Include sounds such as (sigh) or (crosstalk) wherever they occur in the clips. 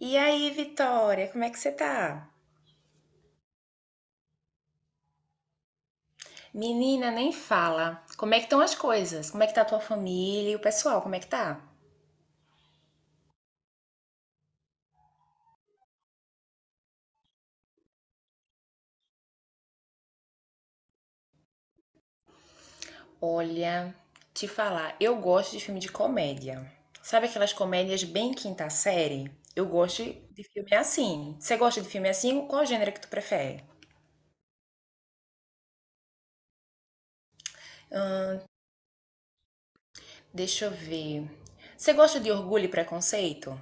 E aí, Vitória, como é que você tá? Menina, nem fala. Como é que estão as coisas? Como é que tá a tua família e o pessoal? Como é que tá? Olha, te falar, eu gosto de filme de comédia. Sabe aquelas comédias bem quinta série? Eu gosto de filme assim. Você gosta de filme assim? Qual gênero que tu prefere? Deixa eu ver. Você gosta de Orgulho e Preconceito?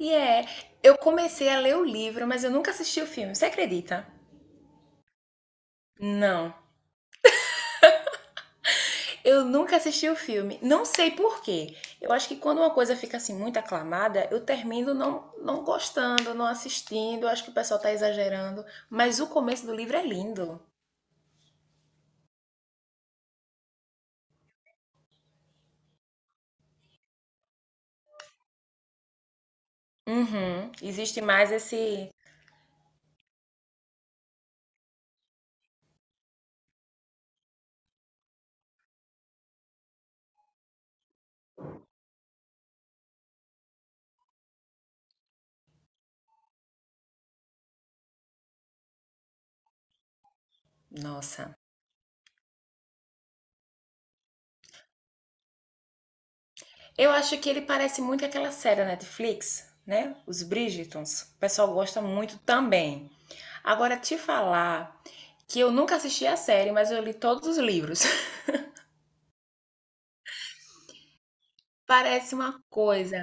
E é, eu comecei a ler o livro, mas eu nunca assisti o filme. Você acredita? Não. Eu nunca assisti o filme. Não sei por quê. Eu acho que quando uma coisa fica assim muito aclamada, eu termino não gostando, não assistindo. Eu acho que o pessoal tá exagerando. Mas o começo do livro é lindo. Uhum. Existe mais esse. Nossa. Eu acho que ele parece muito aquela série da Netflix, né? Os Bridgertons. O pessoal gosta muito também. Agora, te falar que eu nunca assisti a série, mas eu li todos os livros. (laughs) Parece uma coisa.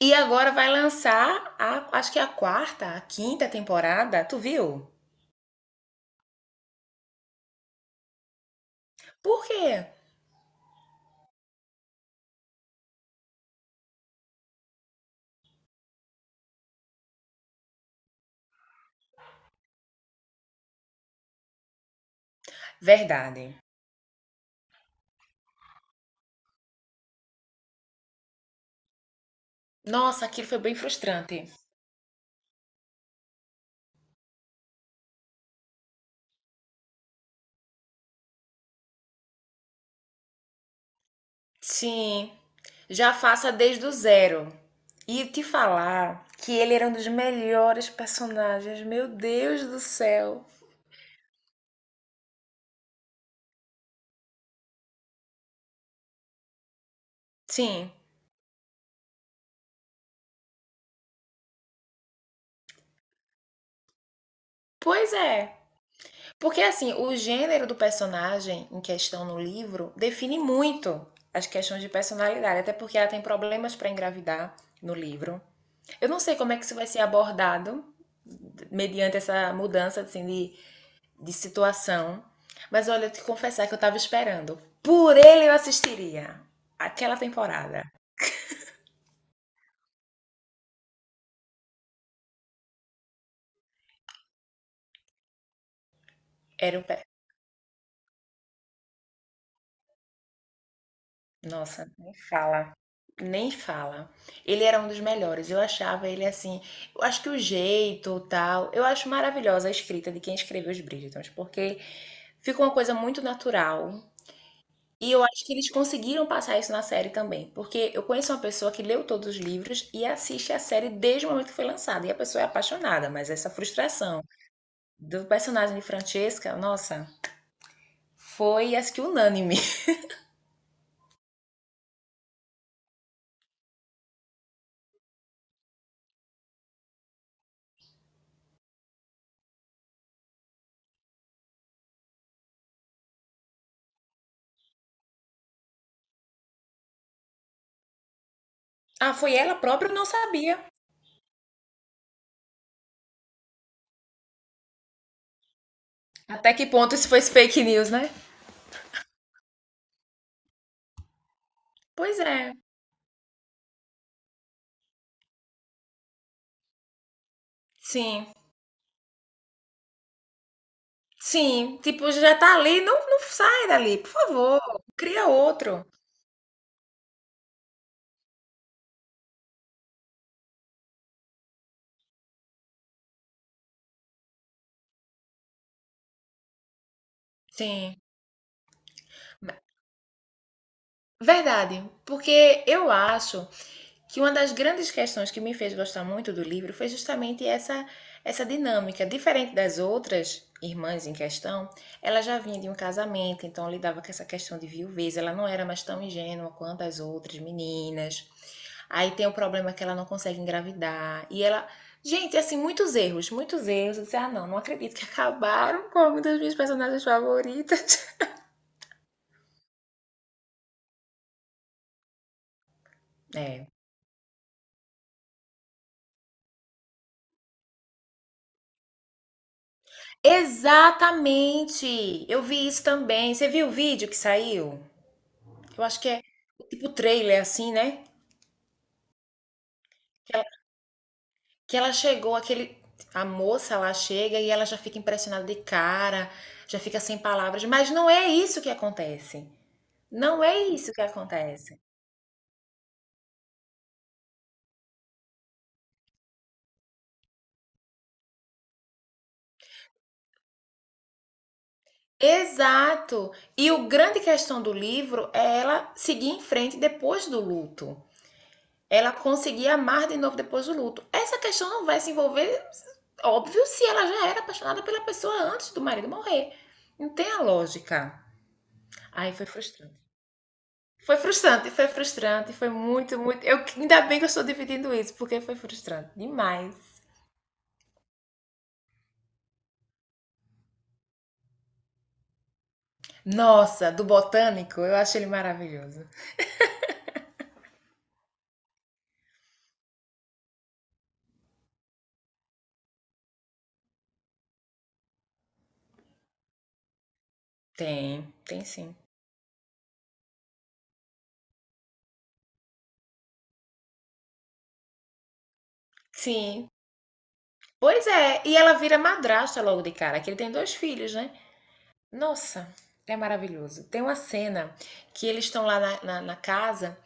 E agora vai lançar a, acho que é a quarta, a quinta temporada. Tu viu? Por quê? Verdade. Nossa, aquilo foi bem frustrante. Sim, já faça desde o zero. E te falar que ele era um dos melhores personagens, meu Deus do céu. Sim, pois é. Porque assim, o gênero do personagem em questão no livro define muito as questões de personalidade, até porque ela tem problemas para engravidar no livro. Eu não sei como é que isso vai ser abordado mediante essa mudança assim, de situação. Mas olha, eu te confessar que eu tava esperando. Por ele eu assistiria aquela temporada. Era o. pe- Nossa, nem fala. Nem fala. Ele era um dos melhores. Eu achava ele assim. Eu acho que o jeito, tal. Eu acho maravilhosa a escrita de quem escreveu os Bridgertons, porque fica uma coisa muito natural. E eu acho que eles conseguiram passar isso na série também, porque eu conheço uma pessoa que leu todos os livros e assiste a série desde o momento que foi lançada, e a pessoa é apaixonada, mas essa frustração do personagem de Francesca, nossa, foi acho que unânime. (laughs) Ah, foi ela própria, eu não sabia. Até que ponto isso foi fake news, né? Pois é, sim. Sim, tipo, já tá ali, não, não sai dali, por favor, cria outro. Sim. Verdade, porque eu acho que uma das grandes questões que me fez gostar muito do livro foi justamente essa dinâmica diferente das outras irmãs em questão. Ela já vinha de um casamento, então lidava com essa questão de viuvez, ela não era mais tão ingênua quanto as outras meninas. Aí tem o problema que ela não consegue engravidar e ela, gente, assim, muitos erros, muitos erros. Eu disse, ah, não acredito que acabaram com uma das minhas personagens favoritas. É, exatamente, eu vi isso também. Você viu o vídeo que saiu? Eu acho que é tipo trailer, assim, né? Que ela, que ela chegou, aquele. A moça lá chega e ela já fica impressionada de cara, já fica sem palavras. Mas não é isso que acontece. Não é isso que acontece. Exato. E o grande questão do livro é ela seguir em frente depois do luto. Ela conseguir amar de novo depois do luto. Essa questão não vai se envolver, óbvio, se ela já era apaixonada pela pessoa antes do marido morrer. Não tem a lógica. Aí foi frustrante. Foi frustrante, foi frustrante, foi muito, muito. Eu, ainda bem que eu estou dividindo isso, porque foi frustrante demais. Nossa, do botânico, eu acho ele maravilhoso. Tem, tem sim. Sim. Pois é, e ela vira madrasta logo de cara, que ele tem dois filhos, né? Nossa, é maravilhoso. Tem uma cena que eles estão lá na casa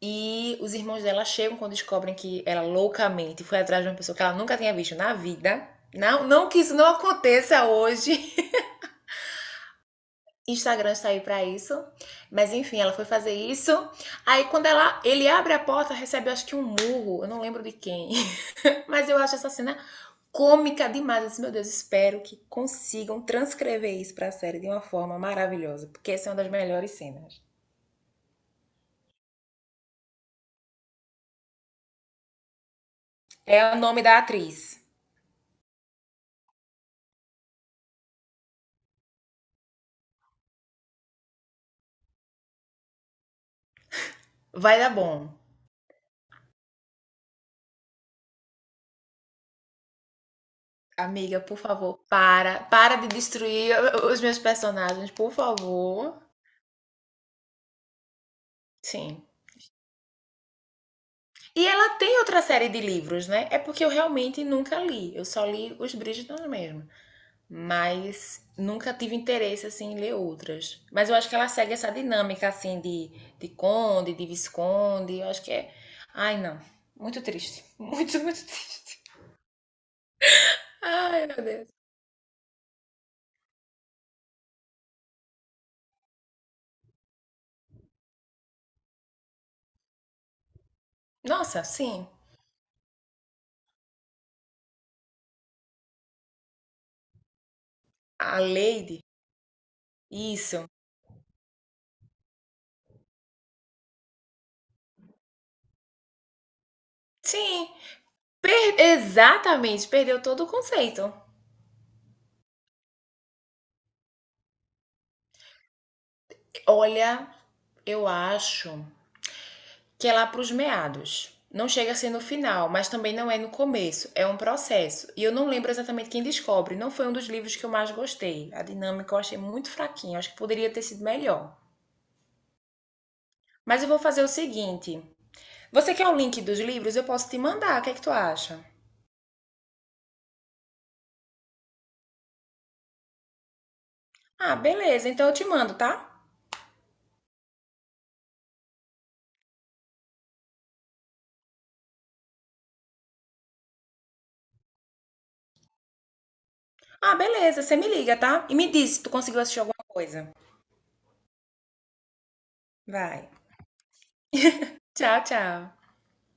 e os irmãos dela chegam quando descobrem que ela loucamente foi atrás de uma pessoa que ela nunca tinha visto na vida. Não, não que isso não aconteça hoje. Instagram está aí para isso. Mas enfim, ela foi fazer isso. Ele abre a porta, recebe acho que um murro, eu não lembro de quem. (laughs) Mas eu acho essa cena cômica demais. Eu disse, meu Deus, espero que consigam transcrever isso para a série de uma forma maravilhosa, porque essa é uma das melhores cenas. É o nome da atriz. Vai dar bom. Amiga, por favor, para, para de destruir os meus personagens, por favor. Sim, e ela tem outra série de livros, né? É porque eu realmente nunca li. Eu só li os Bridgerton mesmo. Mas nunca tive interesse, assim, em ler outras. Mas eu acho que ela segue essa dinâmica, assim, de conde, de visconde. Eu acho que é... Ai, não. Muito triste. (laughs) Muito, muito triste. Ai, meu Deus. Nossa, sim. A Lady. Isso. Sim. Per- Exatamente. Perdeu todo o conceito. Olha, eu acho que é lá para os meados. Não chega a ser no final, mas também não é no começo, é um processo. E eu não lembro exatamente quem descobre, não foi um dos livros que eu mais gostei. A dinâmica eu achei muito fraquinha, acho que poderia ter sido melhor. Mas eu vou fazer o seguinte: você quer o link dos livros? Eu posso te mandar, o que é que tu acha? Ah, beleza, então eu te mando, tá? Ah, beleza, você me liga, tá? E me diz se tu conseguiu assistir alguma coisa. Vai. Tchau, tchau.